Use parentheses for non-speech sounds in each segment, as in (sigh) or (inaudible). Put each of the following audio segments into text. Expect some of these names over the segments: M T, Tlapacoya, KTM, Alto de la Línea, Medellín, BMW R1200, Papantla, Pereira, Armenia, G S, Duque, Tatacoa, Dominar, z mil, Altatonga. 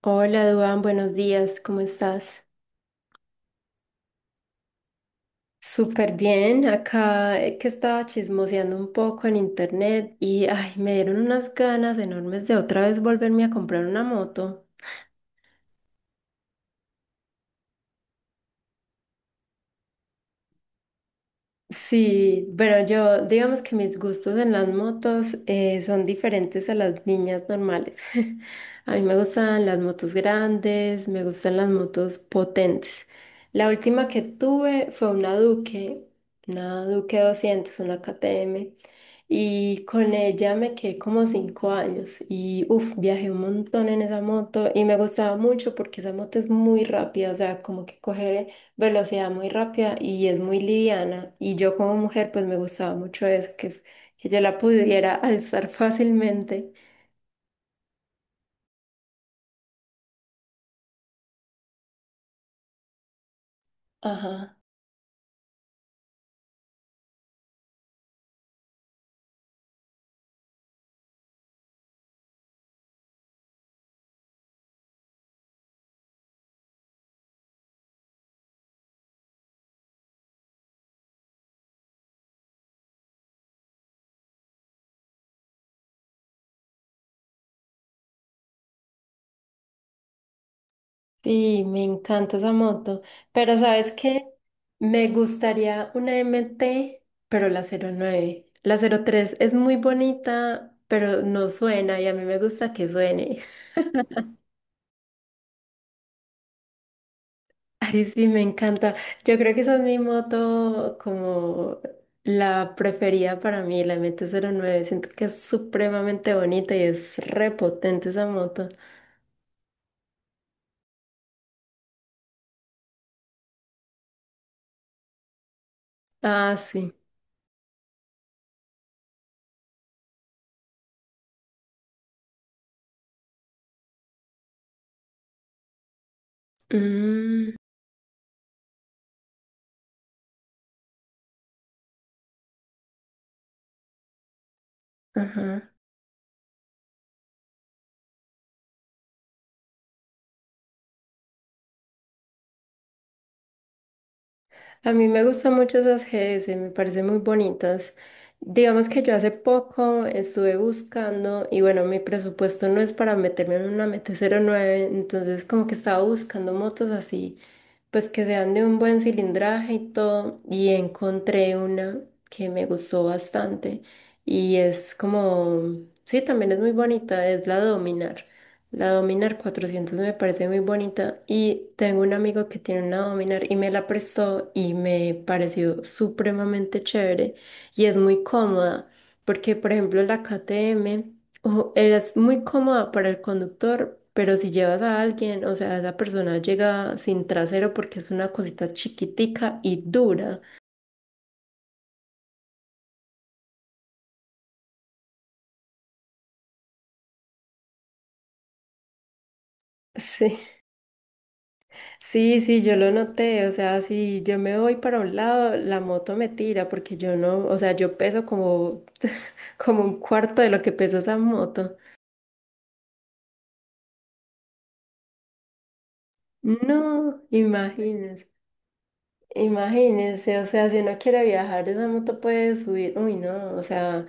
Hola, Duan, buenos días, ¿cómo estás? Súper bien, acá que estaba chismoseando un poco en internet y ay, me dieron unas ganas enormes de otra vez volverme a comprar una moto. Sí, pero yo, digamos que mis gustos en las motos son diferentes a las niñas normales. (laughs) A mí me gustan las motos grandes, me gustan las motos potentes. La última que tuve fue una Duque doscientos, una KTM, y con ella me quedé como cinco años y uff, viajé un montón en esa moto y me gustaba mucho porque esa moto es muy rápida, o sea, como que coger velocidad muy rápida y es muy liviana. Y yo como mujer pues me gustaba mucho eso, que yo la pudiera (laughs) alzar fácilmente. Ajá. Sí, me encanta esa moto. Pero ¿sabes qué? Me gustaría una M T pero la cero nueve. La cero tres es muy bonita, pero no suena y a mí me gusta que suene. Ay, sí, me encanta. Yo creo que esa es mi moto como la preferida para mí, la M T cero nueve. Siento que es supremamente bonita y es repotente esa moto. Ah, sí. Mm, ajá. A mí me gustan mucho esas G S. Me parecen muy bonitas. Digamos que yo hace poco estuve buscando y bueno, mi presupuesto no es para meterme en una M T cero nueve, entonces como que estaba buscando motos así pues que sean de un buen cilindraje y todo, y encontré una que me gustó bastante y es como, sí, también es muy bonita, es la Dominar. La Dominar cuatrocientos me parece muy bonita y tengo un amigo que tiene una Dominar y me la prestó y me pareció supremamente chévere y es muy cómoda porque, por ejemplo, la KTM... Ojo, eres muy cómoda para el conductor, pero si llevas a alguien, o sea, esa persona llega sin trasero porque es una cosita chiquitica y dura. Sí, sí, sí, yo lo noté, o sea, si yo me voy para un lado, la moto me tira porque yo no, o sea, yo peso como, (laughs) como un cuarto de lo que pesa esa moto. No, imagínense. Imagínense, o sea, si uno quiere viajar, esa moto puede subir. Uy, no, o sea,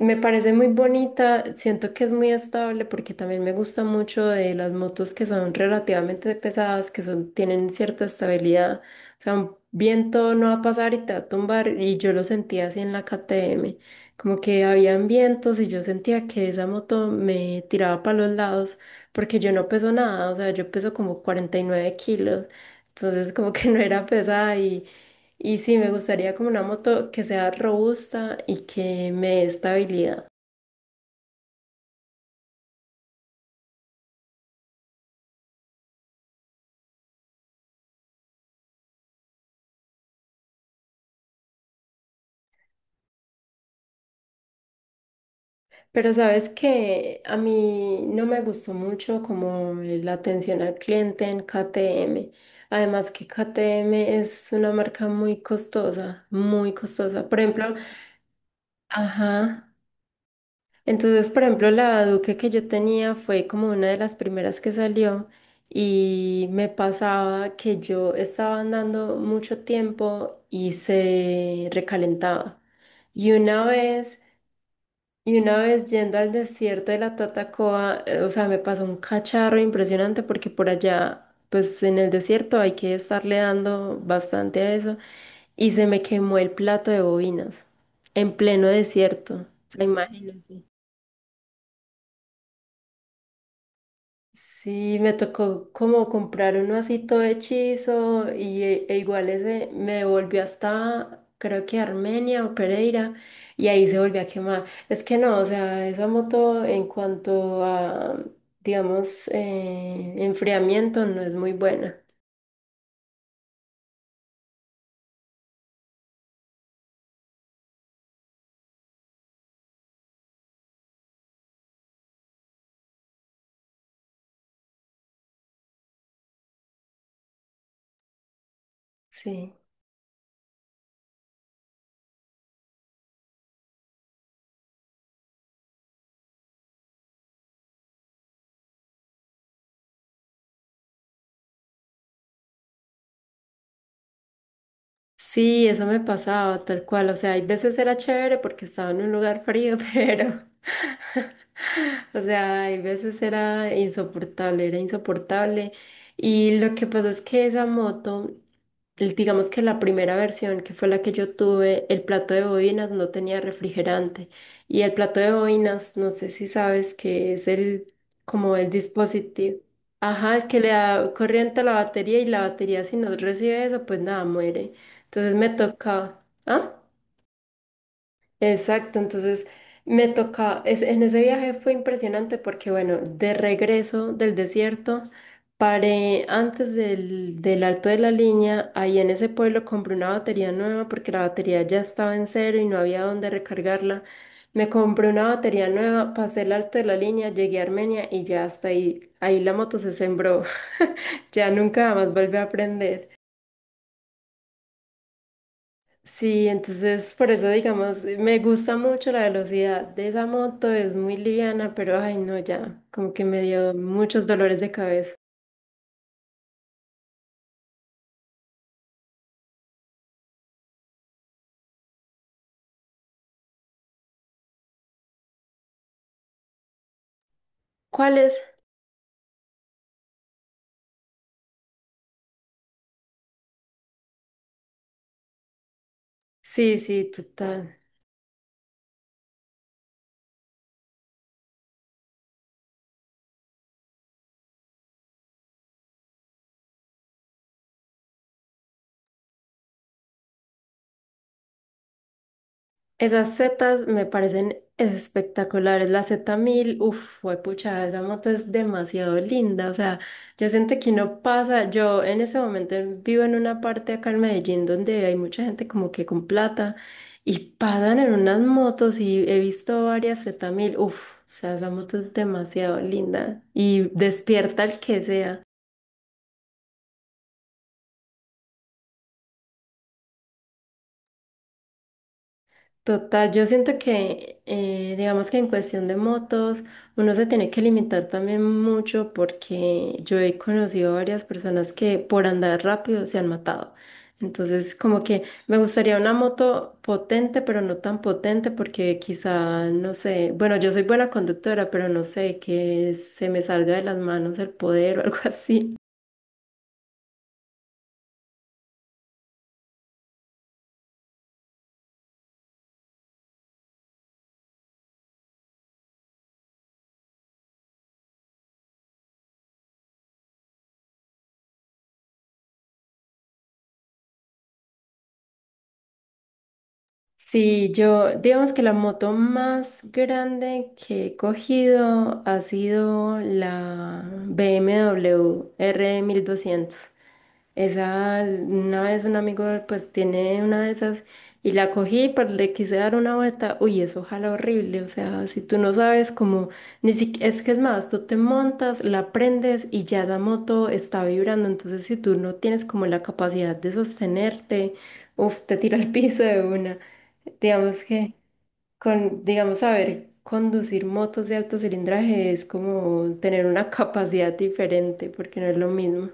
me parece muy bonita. Siento que es muy estable porque también me gusta mucho de las motos que son relativamente pesadas, que son, tienen cierta estabilidad. O sea, un viento no va a pasar y te va a tumbar. Y yo lo sentía así en la KTM, como que habían vientos y yo sentía que esa moto me tiraba para los lados porque yo no peso nada, o sea, yo peso como 49 kilos. Entonces como que no era pesada y sí, me gustaría como una moto que sea robusta y que me dé estabilidad. Pero sabes que a mí no me gustó mucho como la atención al cliente en KTM. Además que KTM es una marca muy costosa, muy costosa. Por ejemplo, ajá. Entonces, por ejemplo, la Duque que yo tenía fue como una de las primeras que salió y me pasaba que yo estaba andando mucho tiempo y se recalentaba. Y una vez, y una vez yendo al desierto de la Tatacoa, o sea, me pasó un cacharro impresionante porque por allá, pues en el desierto hay que estarle dando bastante a eso y se me quemó el plato de bobinas en pleno desierto. O sea, imagínate. Sí, me tocó como comprar uno así todo hechizo y e igual ese me devolvió hasta creo que Armenia o Pereira y ahí se volvió a quemar. Es que no, o sea, esa moto en cuanto a, digamos, enfriamiento no es muy buena. Sí. Sí, eso me pasaba tal cual. O sea, hay veces era chévere porque estaba en un lugar frío, (laughs) pero... (laughs) O sea, hay veces era insoportable, era insoportable. Y lo que pasó es que esa moto, digamos que la primera versión, que fue la que yo tuve, el plato de bobinas no tenía refrigerante. Y el plato de bobinas, no sé si sabes que es el, como el dispositivo. Ajá, el que le da corriente a la batería y la batería si no recibe eso, pues nada, muere. Entonces me toca, ah, exacto. En ese viaje fue impresionante porque bueno, de regreso del desierto, paré antes del, del Alto de la Línea, ahí en ese pueblo compré una batería nueva porque la batería ya estaba en cero y no había dónde recargarla. Me compré una batería nueva, pasé el Alto de la Línea, llegué a Armenia y ya hasta ahí, ahí la moto se sembró, (laughs) ya nunca más volví a aprender. Sí, entonces por eso digamos, me gusta mucho la velocidad de esa moto, es muy liviana, pero ay no, ya, como que me dio muchos dolores de cabeza. ¿Cuáles? Sí, sí, total. Esas setas me parecen espectaculares. La z mil uff, pucha, esa moto es demasiado linda. O sea, yo siento que no pasa. Yo en ese momento vivo en una parte acá en Medellín donde hay mucha gente como que con plata y pasan en unas motos y he visto varias z mil. Uff, o sea, esa moto es demasiado linda y despierta al que sea. Total, yo siento que, digamos que en cuestión de motos, uno se tiene que limitar también mucho porque yo he conocido varias personas que por andar rápido se han matado. Entonces, como que me gustaría una moto potente, pero no tan potente porque quizá, no sé, bueno, yo soy buena conductora, pero no sé, que se me salga de las manos el poder o (laughs) algo así. Sí, yo, digamos que la moto más grande que he cogido ha sido la BMW R1200. Esa, una vez un amigo pues tiene una de esas y la cogí, pero le quise dar una vuelta. Uy, eso jala horrible. O sea, si tú no sabes cómo, ni si, es que es más, tú te montas, la prendes y ya la moto está vibrando. Entonces, si tú no tienes como la capacidad de sostenerte, uf, te tira al (laughs) piso de una. Digamos que con, digamos, saber conducir motos de alto cilindraje es como tener una capacidad diferente, porque no es lo mismo.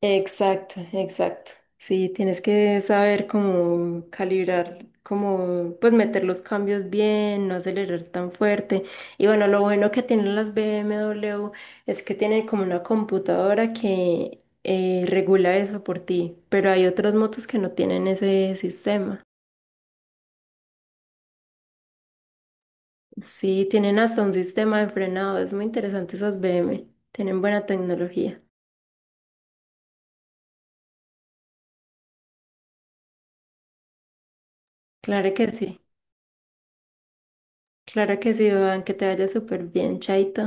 Exacto, exacto. Sí, tienes que saber cómo calibrar, cómo pues meter los cambios bien, no acelerar tan fuerte. Y bueno, lo bueno que tienen las BMW es que tienen como una computadora que regula eso por ti, pero hay otras motos que no tienen ese sistema. Sí, tienen hasta un sistema de frenado. Es muy interesante esas BM. Tienen buena tecnología. Claro que sí. Claro que sí, Iván, que te vaya súper bien, Chaito.